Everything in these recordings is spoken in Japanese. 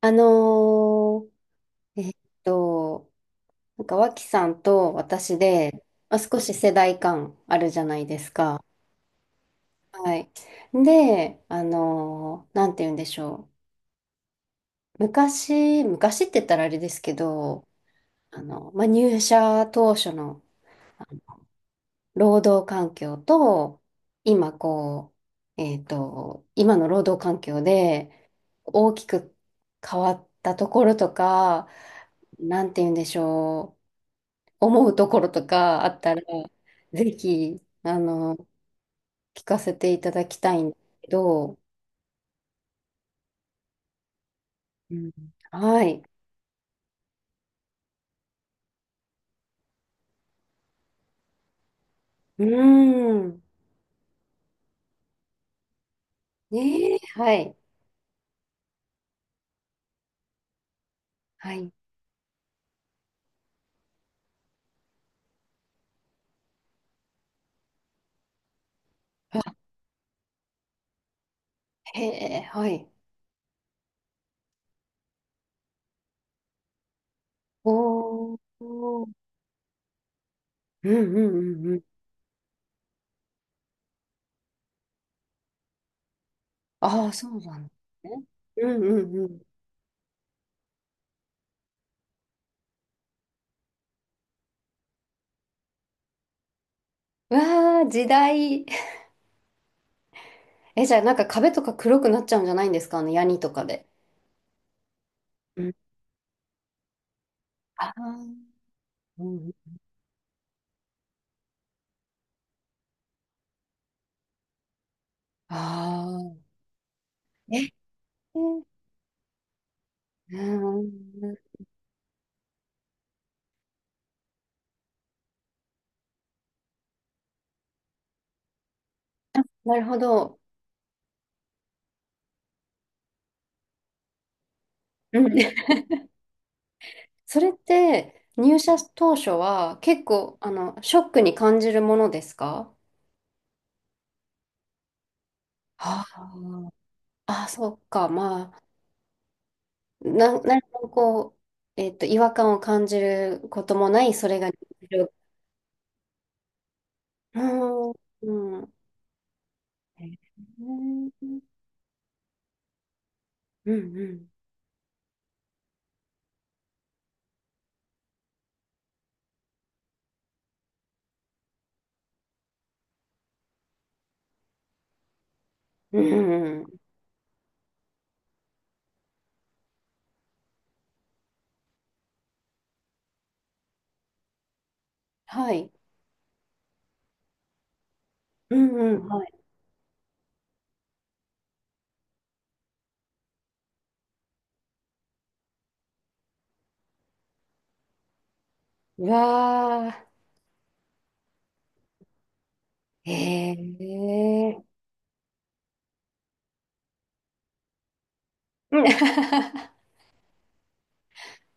あのーえっと、なんか脇さんと私で、まあ、少し世代間あるじゃないですか。はい。で、なんて言うんでしょう。昔、昔って言ったらあれですけど、まあ、入社当初の労働環境と、今こう、えっと、今の労働環境で大きく変わったところとか、なんて言うんでしょう。思うところとかあったら、ぜひ、聞かせていただきたいんですけど、うん、はい。うーん。ねえ、はい。はい。あ、へえ、はい。おー。おーうんうんうんうん。ああ、そうなんですね。うんうんうん。うわー時代。え、じゃあ、なんか壁とか黒くなっちゃうんじゃないんですかヤニとかで。うん。ああ、うん。ああ。え、うん。なるほど。うん、それって入社当初は結構ショックに感じるものですか。ああ、あそっか、まあ、何もこう、違和感を感じることもない、それが日常。うん、うん、えーうんうん、うん、うん、はい、うん、うん、はい。うわあ、ええー、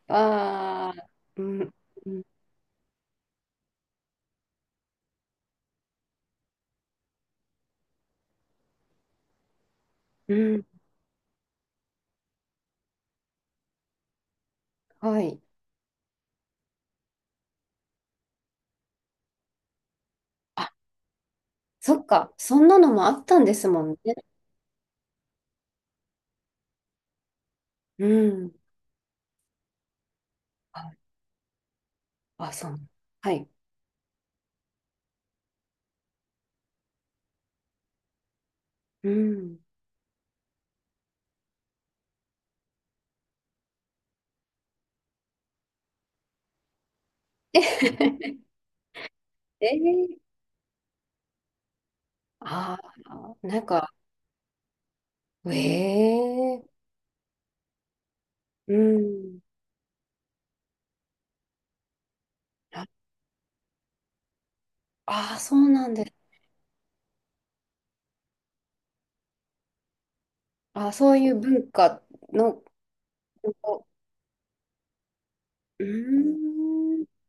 ああー、うん うん、うんはいうんうんはいうわあえー。うああーうんうんうんはい。そっか、そんなのもあったんですもんね。うん。ああ、そう。はい。うん。えへへへえああー、なんか、ええうん。ああー、そうなんです。あ、そういう文化の、こうーん、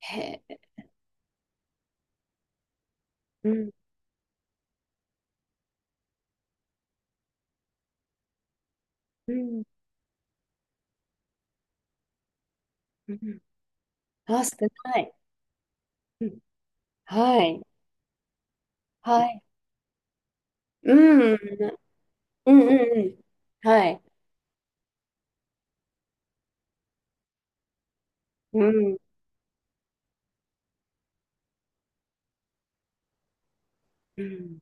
へえ、うん、うん、うん。あ、少ない。うん、はい、はい。うん、うん、うん、うん。はい。うん、うん。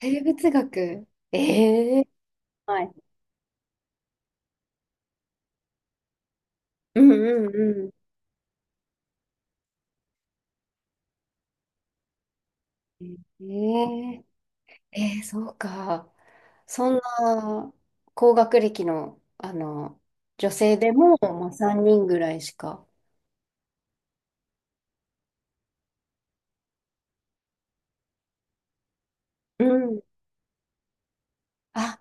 生物学。ええはい。うんうんうん。えええー、そうか。そんな高学歴の、あの女性でも、まあ、3人ぐらいしか。うん。あ、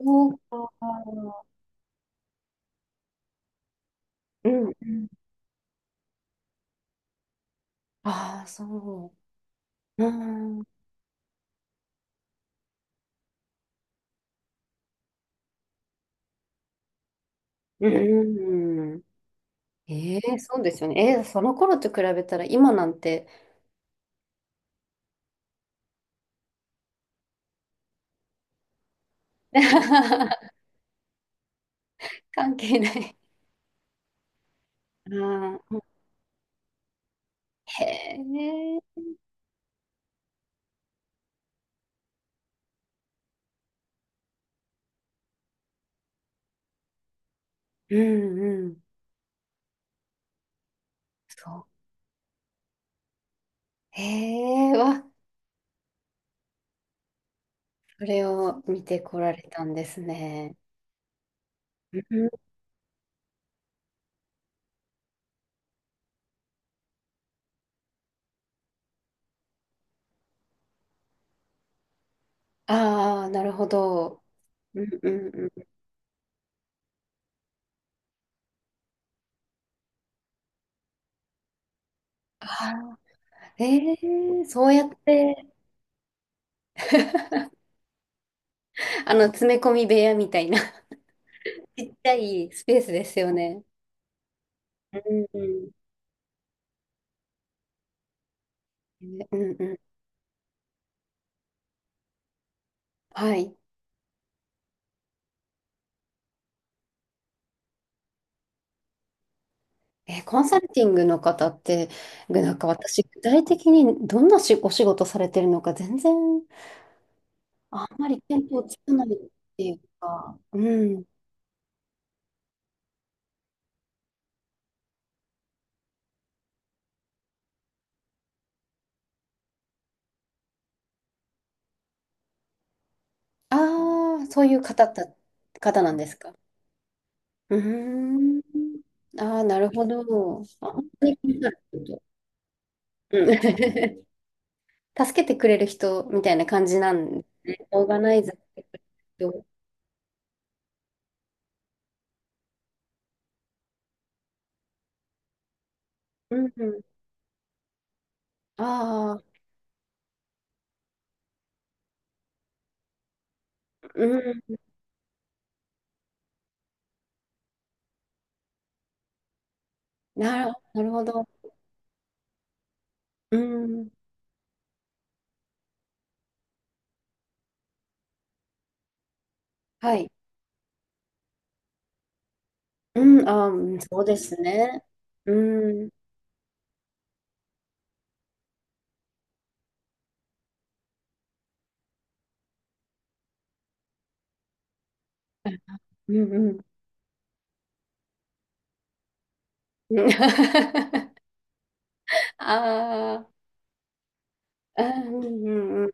そうか。うんうん。ああ、そう。うん。うんうんうん。ええそうですよね。えー、その頃と比べたら今なんて。 関係ない。うん。へえ。うんうん。そう。へえ、わ。それを見てこられたんですね。うん、ああ、なるほど。うんうんうん。ああ、ええそうやって 詰め込み部屋みたいな ちっちゃいスペースですよね。うんうん。うんうん。はい。えー、コンサルティングの方って、なんか私、具体的にどんなお仕事されてるのか全然あんまり見当つかないっていうか、うん。ああ、そういう方なんですか。うーん。ああ、なるほど。あ、本当に気になることうん 助けてくれる人みたいな感じなんですね。オーガナイザーしてくれる人。うん。うんああ、うん。なるほど。うん。はい。うん。ああ、うんそうですね。うん。うんうん。うん ああ、うんうんうん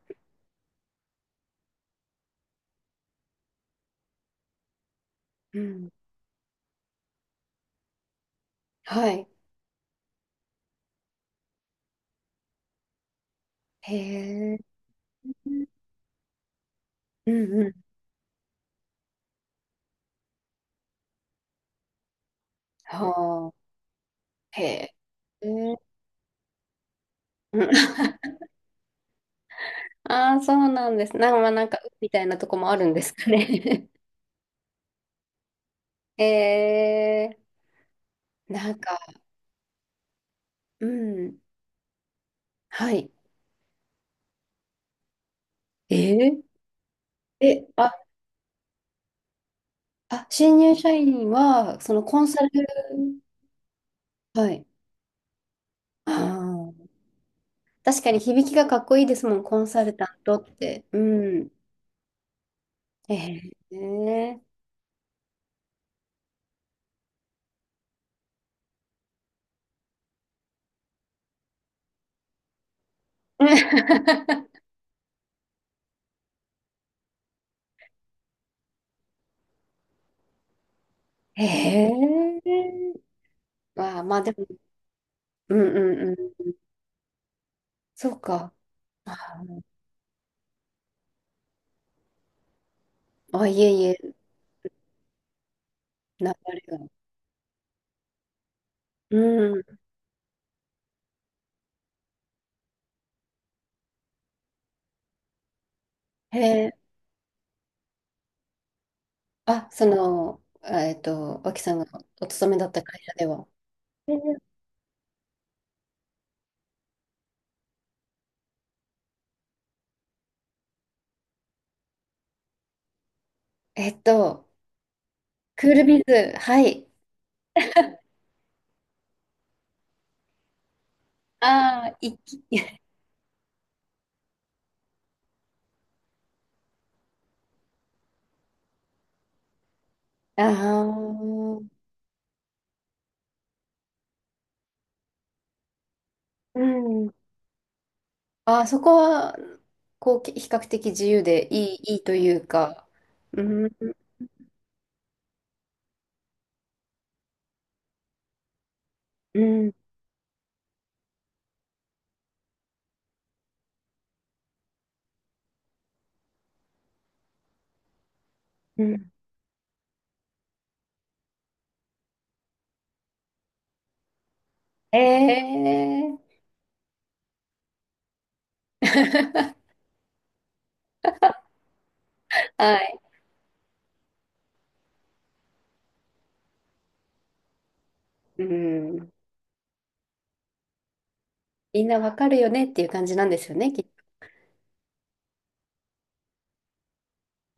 うん。はい。へえ。うんうん。はあ。へえ。へえーうんああ、そうなんです。なんか、まあなんか、うみたいなとこもあるんですかね。えー、なんか、うん、はい。えー、え、あ、あ、新入社員は、そのコンサル、はい。あー確かに響きがかっこいいですもん、コンサルタントって。うん。えー、えー、まあ、まあでも、うんうんうん。そうか。あ、いえいえ、流れが。うん。へえ脇さんがお勤めだった会社では。えーえっと、クールビズ、はい。ああ、一気。ああ、うん。ああ、そこは、こう、比較的自由でいい、いいというか。うん、うん、うん。ええ はい。うん。みんなわかるよねっていう感じなんですよね、きっと。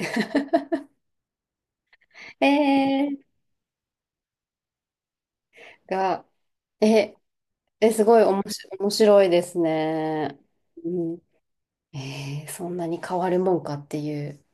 ええが、え、え、すごいおもし、面白いですね。うん。えーそんなに変わるもんかっていう。